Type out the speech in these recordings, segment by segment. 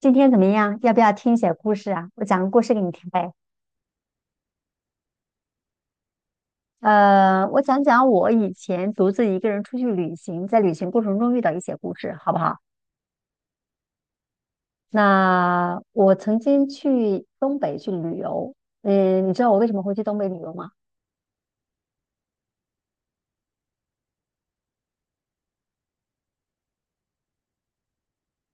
今天怎么样？要不要听一些故事啊？我讲个故事给你听呗。我讲讲我以前独自一个人出去旅行，在旅行过程中遇到一些故事，好不好？那我曾经去东北去旅游。你知道我为什么会去东北旅游吗？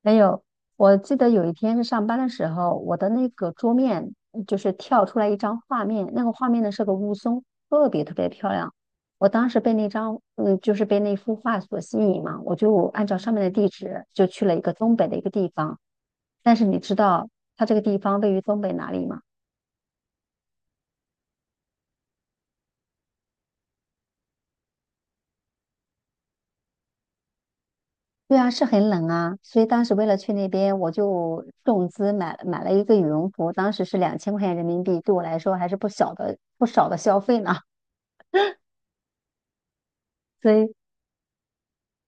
没有。我记得有一天是上班的时候，我的那个桌面就是跳出来一张画面，那个画面呢是个雾凇，特别特别漂亮。我当时被那张，就是被那幅画所吸引嘛，我就按照上面的地址就去了一个东北的一个地方。但是你知道它这个地方位于东北哪里吗？对啊，是很冷啊，所以当时为了去那边，我就重资买了一个羽绒服，当时是2000块钱人民币，对我来说还是不小的不少的消费呢。所以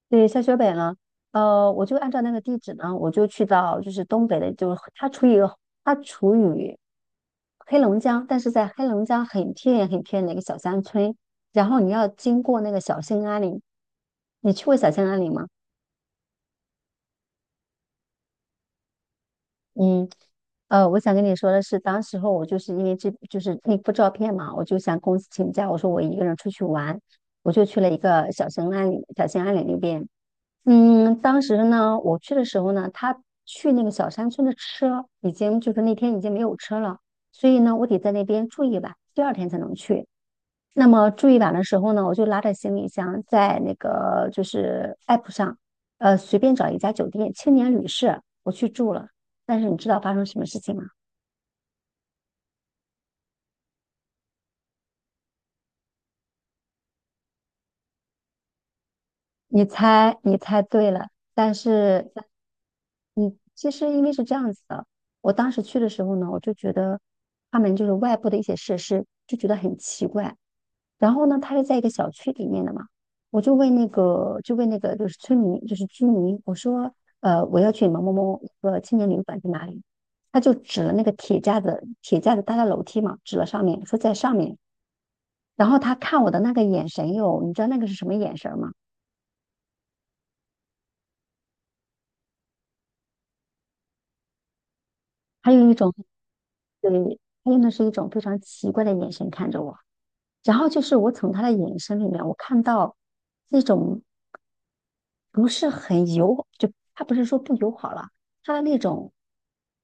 对，下雪北呢，我就按照那个地址呢，我就去到就是东北的，就是它处于黑龙江，但是在黑龙江很偏远很偏远的一个小山村，然后你要经过那个小兴安岭，你去过小兴安岭吗？嗯，我想跟你说的是，当时候我就是因为这就是那幅照片嘛，我就向公司请假，我说我一个人出去玩，我就去了一个小兴安岭，小兴安岭那边。当时呢，我去的时候呢，他去那个小山村的车已经就是那天已经没有车了，所以呢，我得在那边住一晚，第二天才能去。那么住一晚的时候呢，我就拉着行李箱在那个就是 app 上，随便找一家酒店青年旅社，我去住了。但是你知道发生什么事情吗？你猜，你猜对了，但是，你其实因为是这样子的，我当时去的时候呢，我就觉得他们就是外部的一些设施就觉得很奇怪。然后呢，他是在一个小区里面的嘛，我就问那个，就问那个就是村民，就是居民，我说，我要去某某某一个青年旅馆在哪里？他就指了那个铁架子，铁架子搭在楼梯嘛，指了上面，说在上面。然后他看我的那个眼神哟，你知道那个是什么眼神吗？还有一种。对，他用的是一种非常奇怪的眼神看着我，然后就是我从他的眼神里面，我看到那种不是很友，就他不是说不友好了，他的那种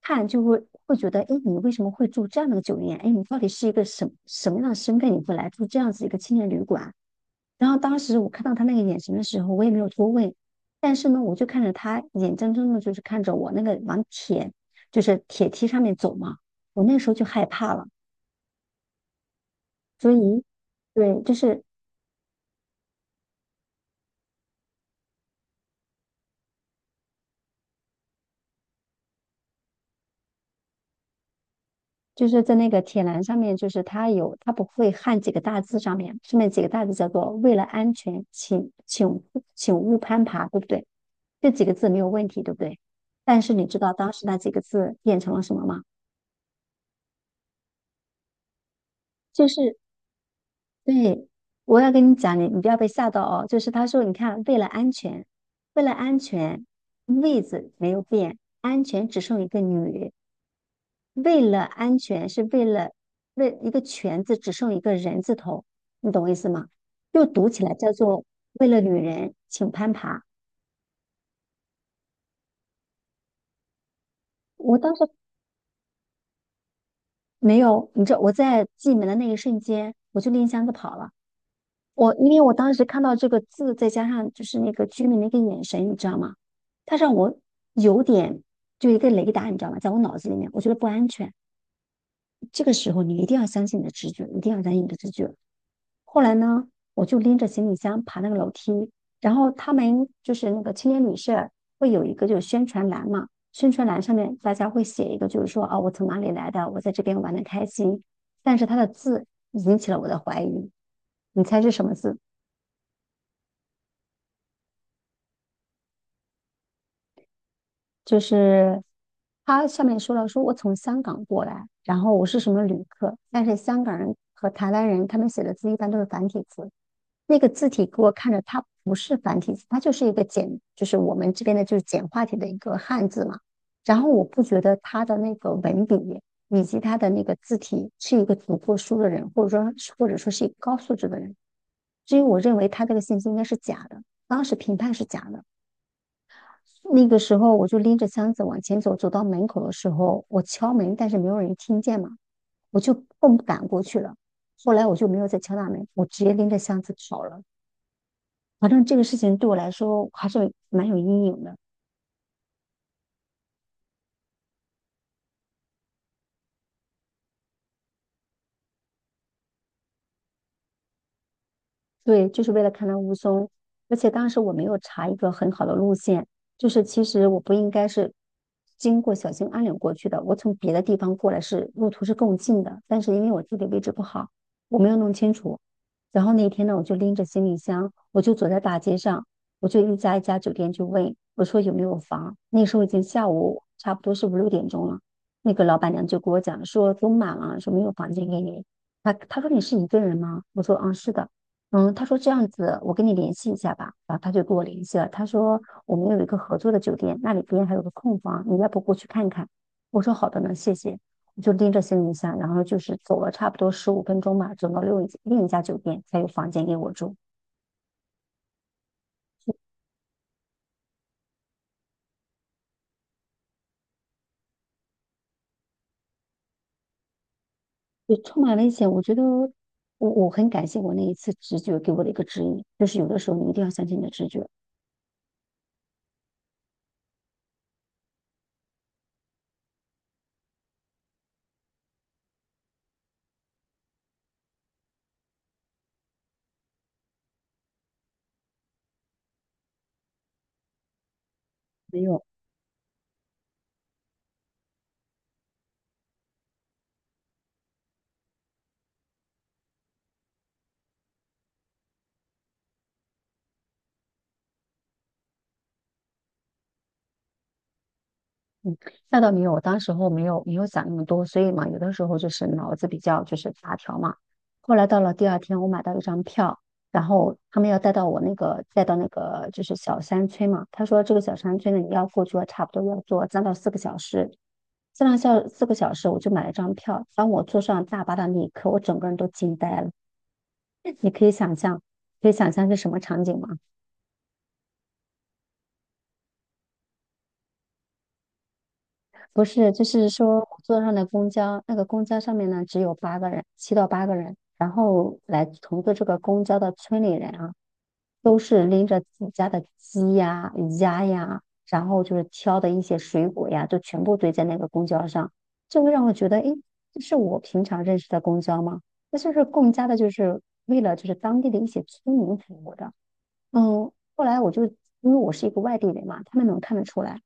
看就会觉得，哎，你为什么会住这样的酒店？哎，你到底是一个什么样的身份，你会来住这样子一个青年旅馆？然后当时我看到他那个眼神的时候，我也没有多问，但是呢，我就看着他眼睁睁的，就是看着我那个往铁，就是铁梯上面走嘛，我那时候就害怕了。所以，对，就是在那个铁栏上面，就是它有它不会焊几个大字上面，上面几个大字叫做"为了安全，请勿攀爬"，对不对？这几个字没有问题，对不对？但是你知道当时那几个字变成了什么吗？就是对，我要跟你讲，你不要被吓到哦。就是他说，你看，为了安全，为了安全，"位子没有变，安全只剩一个"女"。为了安全，是为了为一个全字只剩一个人字头，你懂我意思吗？又读起来叫做为了女人，请攀爬。我当时没有，你知道我在进门的那一瞬间，我就拎箱子跑了。我因为我当时看到这个字，再加上就是那个居民的一个眼神，你知道吗？他让我有点就一个雷达，你知道吗？在我脑子里面，我觉得不安全。这个时候你一定要相信你的直觉，一定要相信你的直觉。后来呢，我就拎着行李箱爬那个楼梯，然后他们就是那个青年旅社会有一个就是宣传栏嘛，宣传栏上面大家会写一个就是说啊、我从哪里来的，我在这边玩的开心，但是他的字引起了我的怀疑，你猜是什么字？就是他上面说了，说我从香港过来，然后我是什么旅客，但是香港人和台湾人他们写的字一般都是繁体字，那个字体给我看着它不是繁体字，它就是一个简，就是我们这边的就是简化体的一个汉字嘛。然后我不觉得他的那个文笔以及他的那个字体是一个读过书的人，或者说是一个高素质的人，所以我认为他这个信息应该是假的，当时评判是假的。那个时候我就拎着箱子往前走，走到门口的时候，我敲门，但是没有人听见嘛，我就更不敢过去了。后来我就没有再敲大门，我直接拎着箱子跑了。反正这个事情对我来说还是蛮有阴影的。对，就是为了看到雾凇，而且当时我没有查一个很好的路线，就是其实我不应该是经过小兴安岭过去的，我从别的地方过来是路途是更近的，但是因为我地理位置不好，我没有弄清楚。然后那天呢，我就拎着行李箱，我就走在大街上，我就一家一家酒店去问，我说有没有房？那时候已经下午差不多是5、6点钟了，那个老板娘就跟我讲说都满了，说没有房间给你。她说你是一个人吗？我说嗯是的。嗯，他说这样子，我跟你联系一下吧。然后他就跟我联系了，他说我们有一个合作的酒店，那里边还有个空房，你要不过去看看？我说好的呢，谢谢。我就拎着行李箱，然后就是走了差不多15分钟吧，走到另一家酒店才有房间给我住，也充满了一些，我觉得我很感谢我那一次直觉给我的一个指引，就是有的时候你一定要相信你的直觉。没有。那倒没有，我当时候没有想那么多，所以嘛，有的时候就是脑子比较就是大条嘛。后来到了第二天，我买到一张票，然后他们要带到我那个带到那个就是小山村嘛。他说这个小山村呢，你要过去，差不多要坐3到4个小时。三到小四个小时，我就买了张票。当我坐上大巴的那一刻，我整个人都惊呆了。你可以想象，可以想象是什么场景吗？不是，就是说我坐上的公交，那个公交上面呢只有八个人，7到8个人，然后来乘坐这个公交的村里人啊，都是拎着自己家的鸡呀、鸭呀，然后就是挑的一些水果呀，就全部堆在那个公交上，就会让我觉得，诶，这是我平常认识的公交吗？那就是更加的，就是为了就是当地的一些村民服务的。嗯，后来我就因为我是一个外地人嘛，他们能看得出来。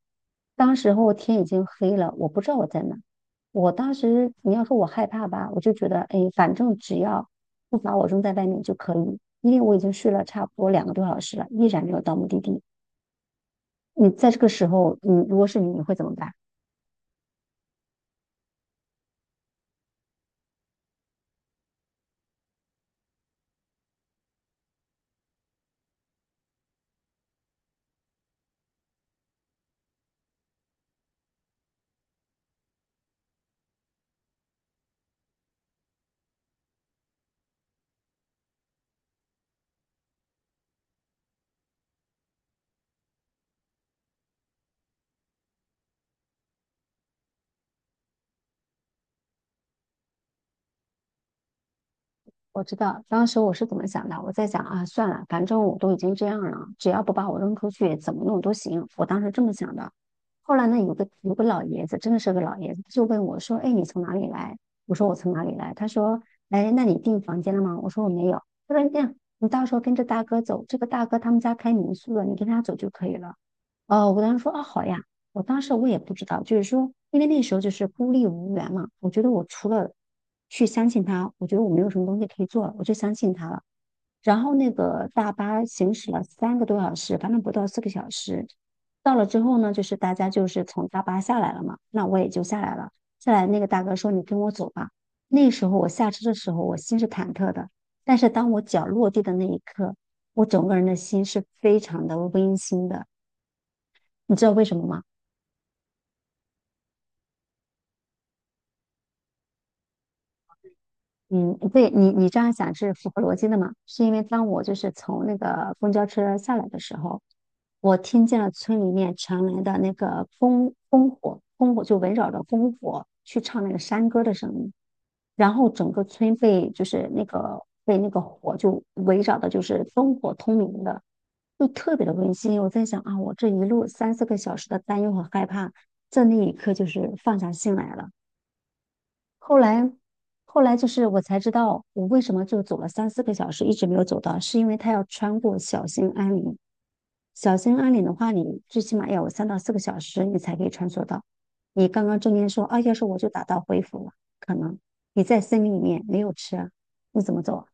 当时候天已经黑了，我不知道我在哪。我当时你要说我害怕吧，我就觉得，哎，反正只要不把我扔在外面就可以，因为我已经睡了差不多两个多小时了，依然没有到目的地。你在这个时候，你如果是你，你会怎么办？我知道当时我是怎么想的，我在想啊，算了，反正我都已经这样了，只要不把我扔出去，怎么弄都行。我当时这么想的。后来呢，有个老爷子，真的是个老爷子，就问我说：“哎，你从哪里来？”我说：“我从哪里来？”他说：“哎，那你订房间了吗？”我说：“我没有。”他说：“这样，你到时候跟着大哥走，这个大哥他们家开民宿的，你跟他走就可以了。”我当时说啊，好呀，我当时我也不知道，就是说，因为那时候就是孤立无援嘛，我觉得我除了去相信他，我觉得我没有什么东西可以做了，我就相信他了。然后那个大巴行驶了三个多小时，反正不到四个小时，到了之后呢，就是大家就是从大巴下来了嘛，那我也就下来了。下来那个大哥说：“你跟我走吧。”那时候我下车的时候，我心是忐忑的，但是当我脚落地的那一刻，我整个人的心是非常的温馨的。你知道为什么吗？嗯，对你，你这样想是符合逻辑的嘛？是因为当我就是从那个公交车下来的时候，我听见了村里面传来的那个烽烽火，烽火就围绕着烽火去唱那个山歌的声音，然后整个村被就是那个被那个火就围绕的，就是灯火通明的，就特别的温馨。我在想啊，我这一路三四个小时的担忧和害怕，在那一刻就是放下心来了。后来，后来就是我才知道，我为什么就走了三四个小时，一直没有走到，是因为他要穿过小兴安岭。小兴安岭的话，你最起码要有三到四个小时，你才可以穿梭到。你刚刚中间说啊，要是我就打道回府了，可能你在森林里面没有吃啊你怎么走啊？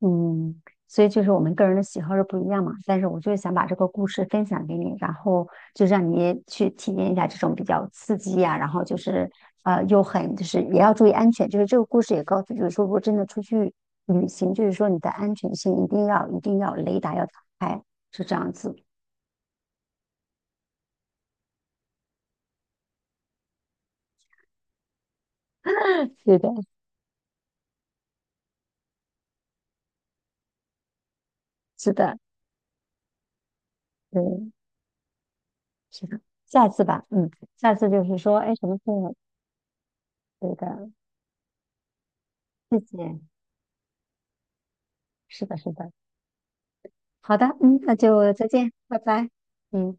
嗯，所以就是我们个人的喜好是不一样嘛，但是我就是想把这个故事分享给你，然后就让你去体验一下这种比较刺激呀、然后就是又很就是也要注意安全，就是这个故事也告诉，就是说如果真的出去旅行，就是说你的安全性一定要雷达要打开，是这样子。对的，是的，对，是的，下次吧，嗯，下次就是说，哎，什么时候？对的，谢谢，是的，是的，好的，嗯，那就再见，拜拜，嗯。